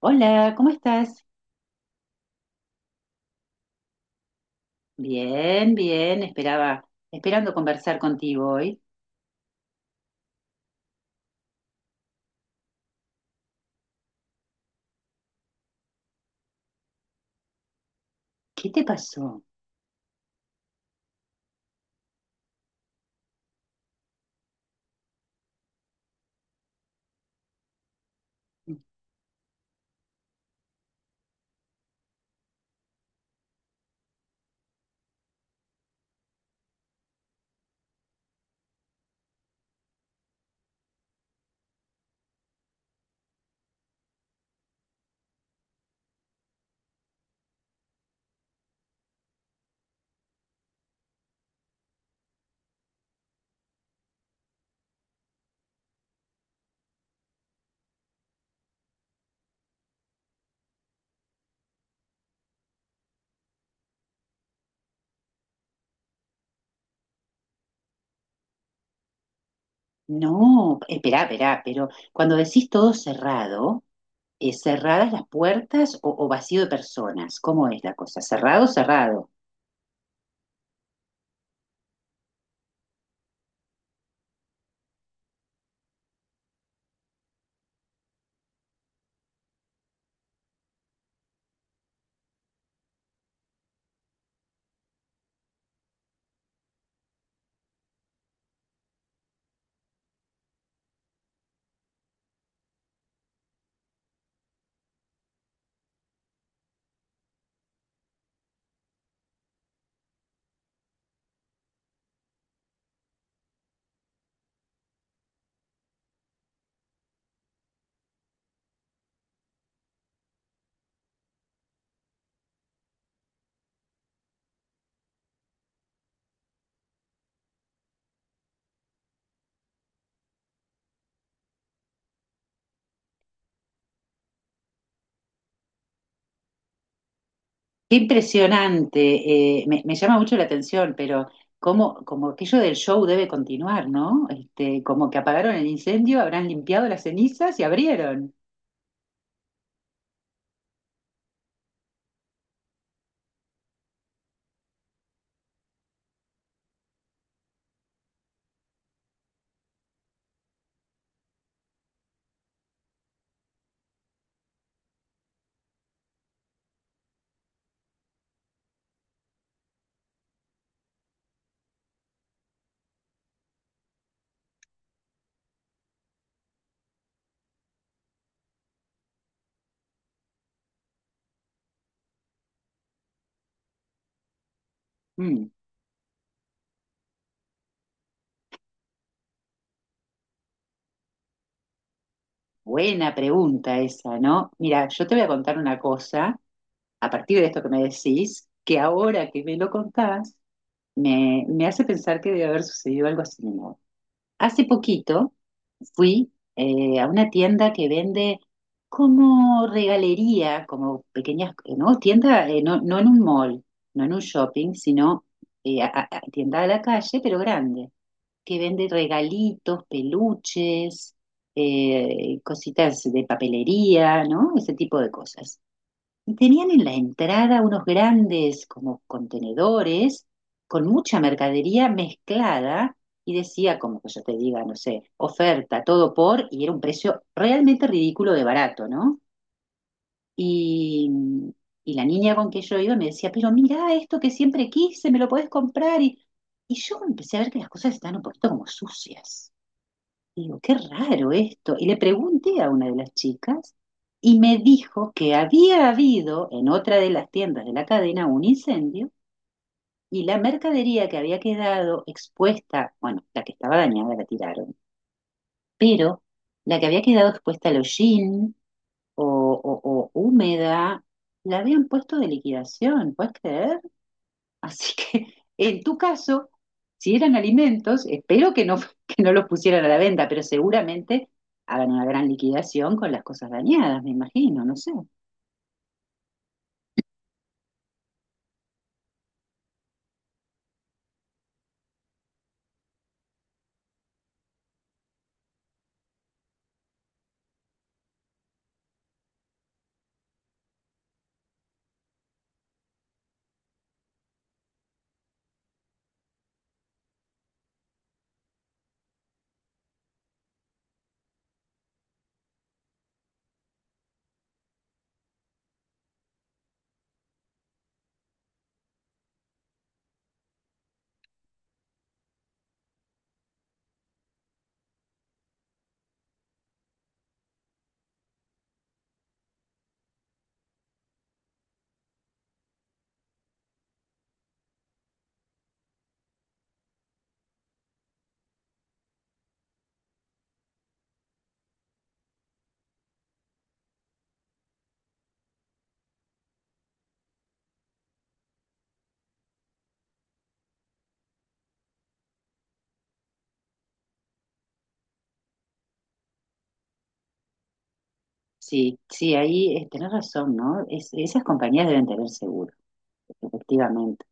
Hola, ¿cómo estás? Bien, bien, esperando conversar contigo hoy. ¿Qué te pasó? No, esperá, pero cuando decís todo cerrado, ¿cerradas las puertas o vacío de personas? ¿Cómo es la cosa? ¿Cerrado, cerrado? Qué impresionante, me llama mucho la atención, pero como aquello del show debe continuar, ¿no? Este, como que apagaron el incendio, habrán limpiado las cenizas y abrieron. Mm. Buena pregunta esa, ¿no? Mira, yo te voy a contar una cosa, a partir de esto que me decís, que ahora que me lo contás, me hace pensar que debe haber sucedido algo así. Hace poquito fui a una tienda que vende como regalería, como pequeñas, ¿no? Tienda, no en un mall, no en un shopping, sino tienda a la calle, pero grande, que vende regalitos, peluches, cositas de papelería, ¿no? Ese tipo de cosas. Y tenían en la entrada unos grandes como contenedores con mucha mercadería mezclada y decía, como que yo te diga, no sé, oferta, todo por, y era un precio realmente ridículo de barato, ¿no? Y, y la niña con que yo iba me decía, pero mira esto que siempre quise, me lo podés comprar. Y yo empecé a ver que las cosas están un poquito como sucias. Y digo, qué raro esto. Y le pregunté a una de las chicas y me dijo que había habido en otra de las tiendas de la cadena un incendio y la mercadería que había quedado expuesta, bueno, la que estaba dañada la tiraron, pero la que había quedado expuesta al hollín o, o húmeda, la habían puesto de liquidación, ¿puedes creer? Así que en tu caso, si eran alimentos, espero que no, que no los pusieran a la venta, pero seguramente hagan una gran liquidación con las cosas dañadas, me imagino, no sé. Sí, sí, ahí tenés razón, ¿no? Esas compañías deben tener seguro, efectivamente.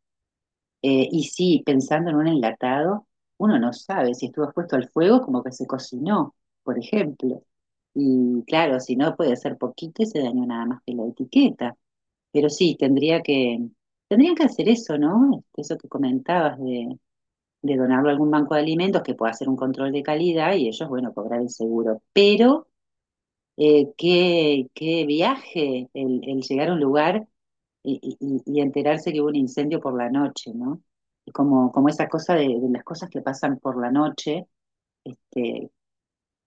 Y sí, pensando en un enlatado, uno no sabe si estuvo expuesto al fuego como que se cocinó, por ejemplo. Y claro, si no puede ser poquito y se dañó nada más que la etiqueta. Pero sí, tendrían que hacer eso, ¿no? Este, eso que comentabas de donarlo a algún banco de alimentos que pueda hacer un control de calidad y ellos, bueno, cobrar el seguro. Pero qué viaje el llegar a un lugar y enterarse que hubo un incendio por la noche, ¿no? Y como, como esa cosa de las cosas que pasan por la noche, este,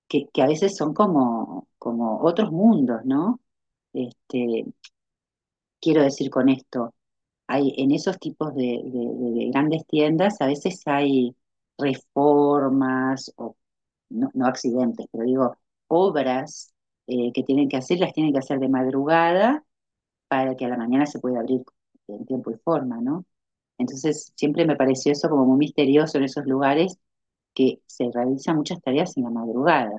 que a veces son como, como otros mundos, ¿no? Este, quiero decir con esto, hay en esos tipos de grandes tiendas, a veces hay reformas o no, no accidentes, pero digo, obras que tienen que hacer, las tienen que hacer de madrugada para que a la mañana se pueda abrir en tiempo y forma, ¿no? Entonces, siempre me pareció eso como muy misterioso en esos lugares que se realizan muchas tareas en la madrugada.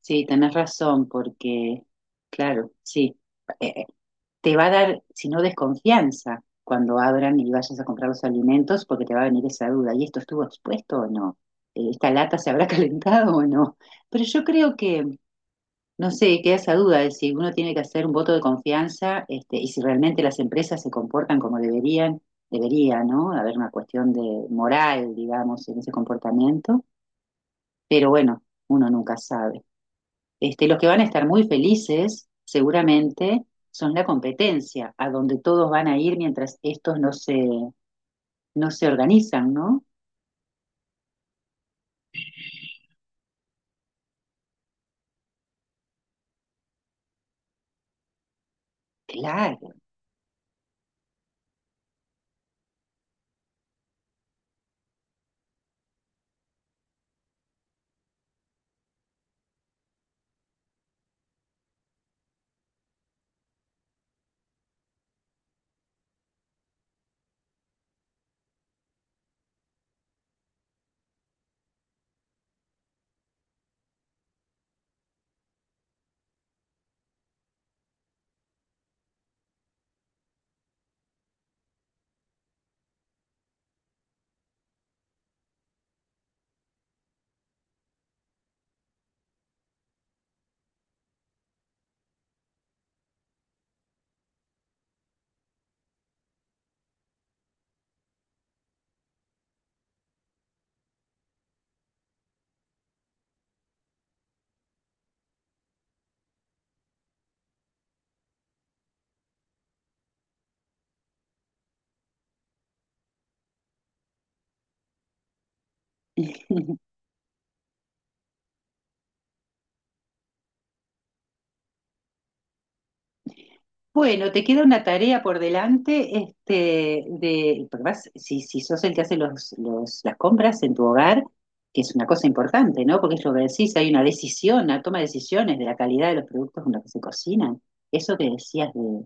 Sí, tenés razón, porque, claro, sí, eh, te va a dar, si no desconfianza, cuando abran y vayas a comprar los alimentos, porque te va a venir esa duda, ¿y esto estuvo expuesto o no? ¿Esta lata se habrá calentado o no? Pero yo creo no sé, queda esa duda de si uno tiene que hacer un voto de confianza este, y si realmente las empresas se comportan como deberían, debería, ¿no? Haber una cuestión de moral, digamos, en ese comportamiento, pero bueno, uno nunca sabe. Este, los que van a estar muy felices, seguramente, son la competencia, a donde todos van a ir mientras estos no se organizan, ¿no? Claro. Bueno, te queda una tarea por delante, este, de, porque si sos el que hace las compras en tu hogar, que es una cosa importante, ¿no? Porque es lo que decís, hay una decisión, una toma de decisiones de la calidad de los productos con los que se cocinan. Eso que decías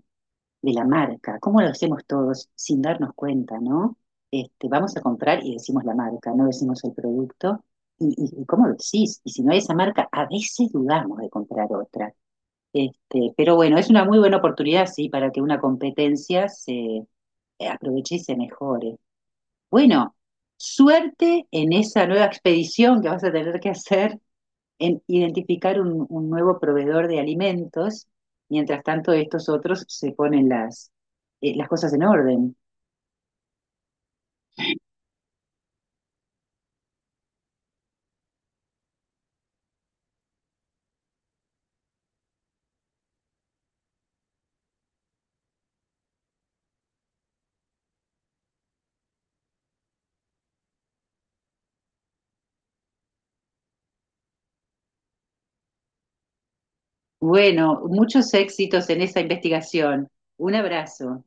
de la marca. ¿Cómo lo hacemos todos sin darnos cuenta, no? Este, vamos a comprar y decimos la marca, no decimos el producto. Y cómo lo decís? Y si no hay esa marca, a veces dudamos de comprar otra. Este, pero bueno, es una muy buena oportunidad, sí, para que una competencia se aproveche y se mejore. Bueno, suerte en esa nueva expedición que vas a tener que hacer en identificar un nuevo proveedor de alimentos, mientras tanto estos otros se ponen las cosas en orden. Bueno, muchos éxitos en esa investigación. Un abrazo.